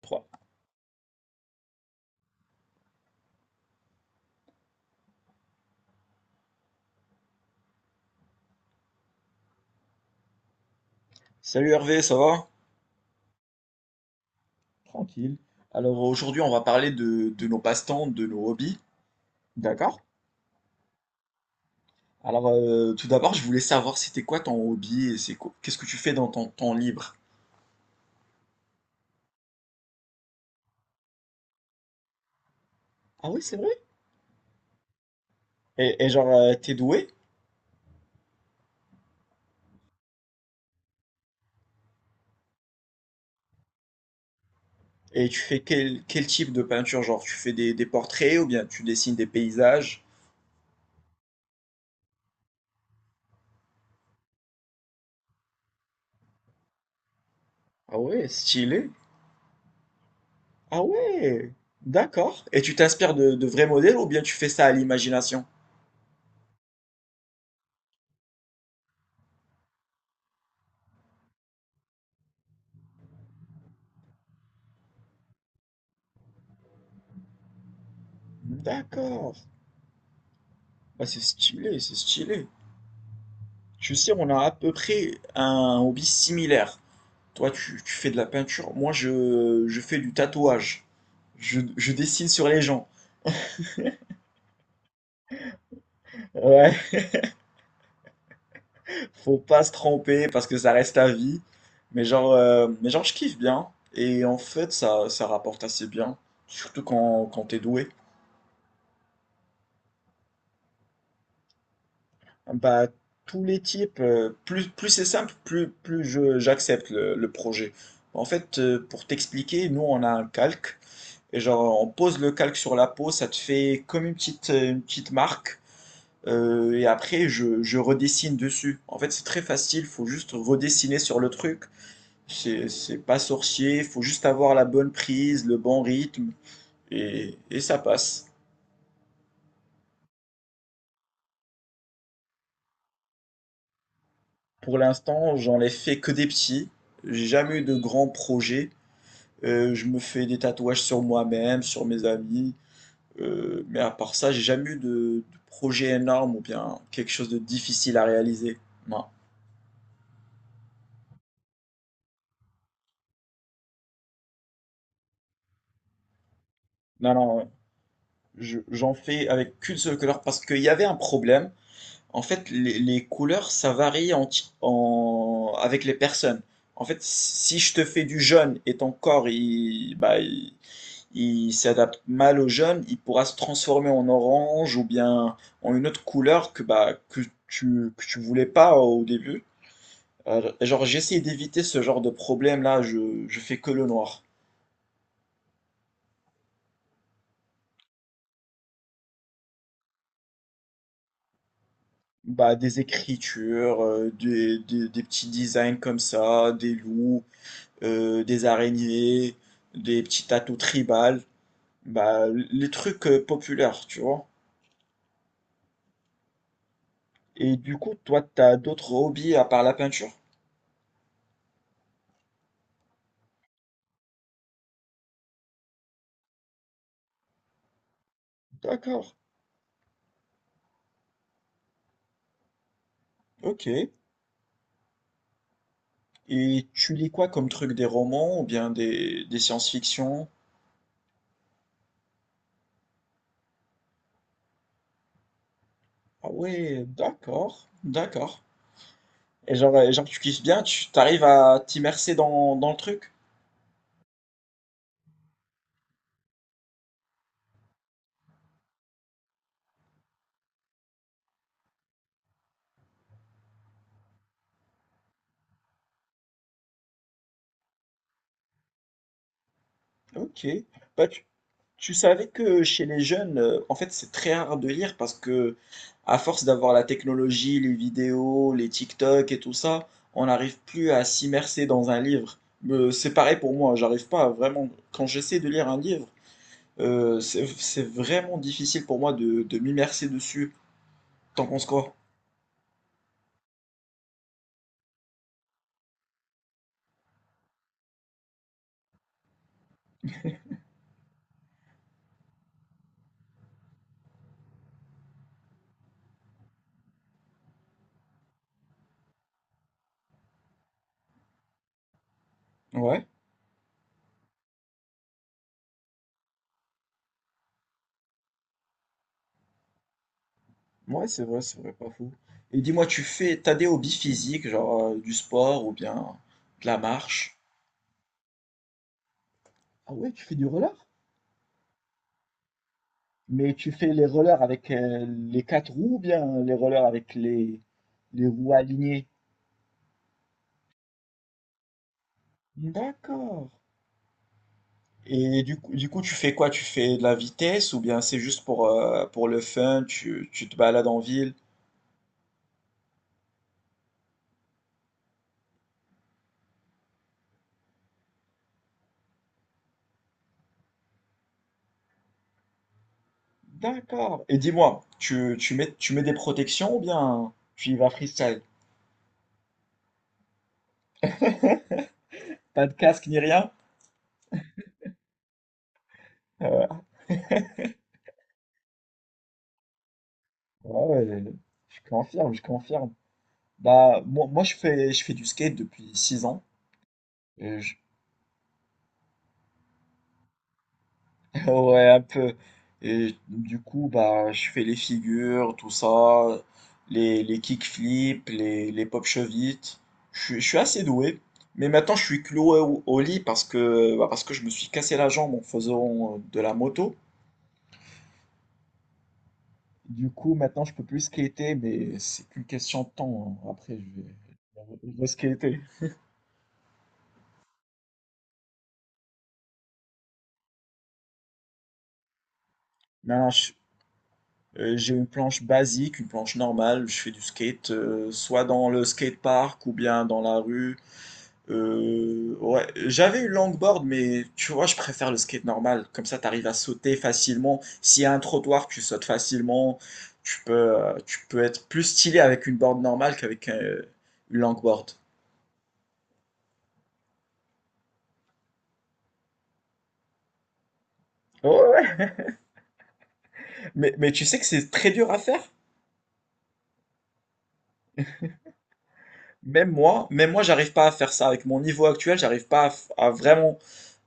Trois. Salut Hervé, ça va? Tranquille. Alors aujourd'hui on va parler de nos passe-temps, de nos hobbies. D'accord. Alors tout d'abord je voulais savoir c'était quoi ton hobby et qu'est-ce que tu fais dans ton temps libre? Ah oui, c'est vrai. Et genre t'es doué? Et tu fais quel type de peinture? Genre tu fais des portraits ou bien tu dessines des paysages? Ah ouais, stylé. Ah ouais, d'accord. Et tu t'inspires de vrais modèles ou bien tu fais ça à l'imagination? D'accord. Ah, c'est stylé, c'est stylé. Je sais, on a à peu près un hobby similaire. Toi, tu fais de la peinture. Moi, je fais du tatouage. Je dessine sur les gens. Ouais, faut pas se tromper parce que ça reste à vie. Mais genre, je kiffe bien. Et en fait, ça rapporte assez bien. Surtout quand t'es doué. Bah, tous les types, plus c'est simple, plus j'accepte le projet. En fait, pour t'expliquer, nous, on a un calque. Et genre, on pose le calque sur la peau, ça te fait comme une petite marque. Et après, je redessine dessus. En fait, c'est très facile, faut juste redessiner sur le truc. C'est pas sorcier, faut juste avoir la bonne prise, le bon rythme, et ça passe. Pour l'instant, j'en ai fait que des petits. J'ai jamais eu de grands projets. Je me fais des tatouages sur moi-même, sur mes amis. Mais à part ça, j'ai jamais eu de projet énorme ou bien quelque chose de difficile à réaliser. Non. Non, non, ouais. Je J'en fais avec qu'une seule couleur parce qu'il y avait un problème. En fait, les couleurs, ça varie en ti en avec les personnes. En fait, si je te fais du jaune et ton corps, il s'adapte mal au jaune, il pourra se transformer en orange ou bien en une autre couleur que, bah, que tu voulais pas au début. Genre, j'essaie d'éviter ce genre de problème-là, je fais que le noir. Bah, des écritures, des petits designs comme ça, des loups, des araignées, des petits tatous tribales, bah, les trucs populaires, tu vois. Et du coup, toi, t'as d'autres hobbies à part la peinture. D'accord, ok. Et tu lis quoi comme truc, des romans ou bien des science-fiction? Ah ouais, d'accord, d'accord. Et genre, genre tu kiffes bien, tu t'arrives à t'immerser dans le truc. Ok. Bah, tu savais que chez les jeunes, en fait, c'est très rare de lire parce que, à force d'avoir la technologie, les vidéos, les TikTok et tout ça, on n'arrive plus à s'immerser dans un livre. C'est pareil pour moi, j'arrive pas à vraiment. Quand j'essaie de lire un livre, c'est vraiment difficile pour moi de m'immerser dessus. T'en penses quoi? Ouais. Ouais, c'est vrai, pas fou. Et dis-moi, t'as des hobbies physiques, genre du sport ou bien de la marche? Ah ouais, tu fais du roller? Mais tu fais les rollers avec les quatre roues ou bien les rollers avec les roues alignées? D'accord. Et du coup, tu fais quoi? Tu fais de la vitesse ou bien c'est juste pour le fun, tu te balades en ville? D'accord. Et dis-moi, tu mets des protections ou bien tu y vas freestyle? Pas de casque ni rien? Ouais, ouais, je confirme, je confirme. Bah, je fais du skate depuis 6 ans. Et je- Ouais, un peu. Et du coup, bah, je fais les figures, tout ça, les kickflips, les pop chevites. Je suis assez doué. Mais maintenant, je suis cloué au lit parce que, bah, parce que je me suis cassé la jambe en faisant de la moto. Du coup, maintenant, je peux plus skater, mais c'est qu'une question de temps, hein. Après, je vais re-skater. Non, non, je, j'ai une planche basique, une planche normale. Je fais du skate, soit dans le skatepark ou bien dans la rue. Ouais, j'avais une longboard, mais tu vois, je préfère le skate normal. Comme ça, t'arrives à sauter facilement. S'il y a un trottoir, tu sautes facilement. Tu peux être plus stylé avec une board normale qu'avec une longboard. Ouais, ouais. Mais tu sais que c'est très dur à faire. Même moi, j'arrive pas à faire ça. Avec mon niveau actuel, j'arrive pas à, à vraiment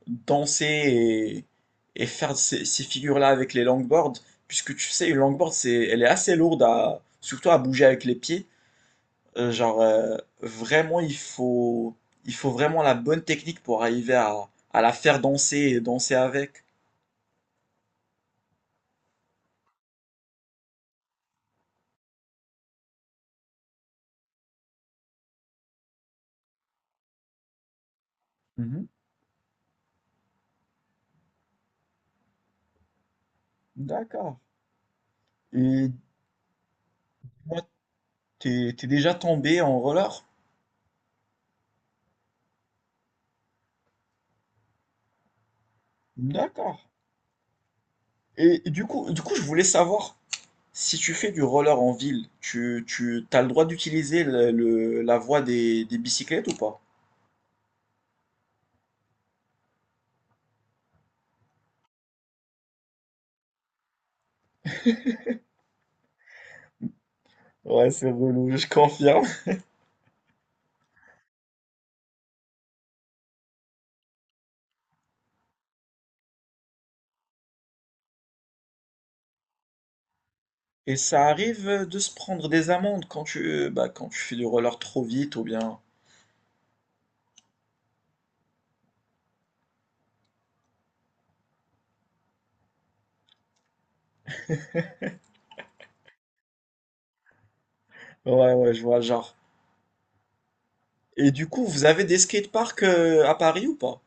danser et faire ces figures-là avec les longboards, puisque tu sais, une longboard, c'est, elle est assez lourde, à, surtout à bouger avec les pieds. Vraiment, il faut vraiment la bonne technique pour arriver à la faire danser et danser avec. Mhm. D'accord. Et moi, t'es déjà tombé en roller? D'accord. Et du coup, je voulais savoir, si tu fais du roller en ville, tu as le droit d'utiliser la voie des bicyclettes ou pas? Ouais, c'est relou, je confirme. Et ça arrive de se prendre des amendes quand tu, bah, quand tu fais du roller trop vite ou bien... Ouais, ouais, je vois le genre. Et du coup, vous avez des skateparks à Paris ou pas?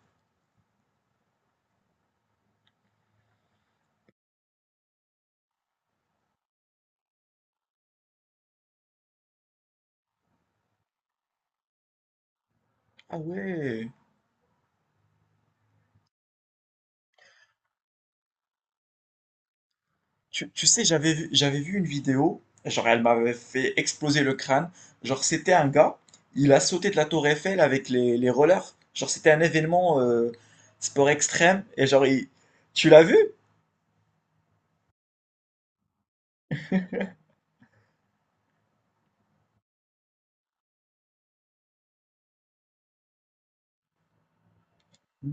Ah ouais. Tu sais, j'avais vu, J'avais vu une vidéo, genre elle m'avait fait exploser le crâne. Genre c'était un gars, il a sauté de la tour Eiffel avec les rollers. Genre c'était un événement sport extrême. Tu l'as vu?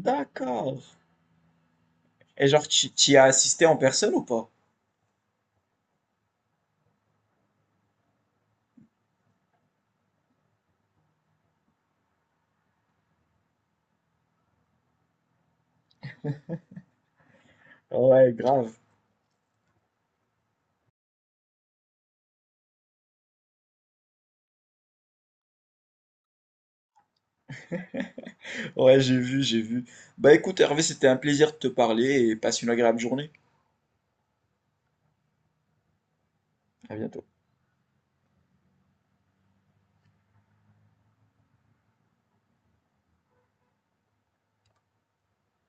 D'accord. Et genre, tu y as assisté en personne ou pas? Ouais, grave. Ouais, j'ai vu, j'ai vu. Bah écoute, Hervé, c'était un plaisir de te parler et passe une agréable journée. À bientôt.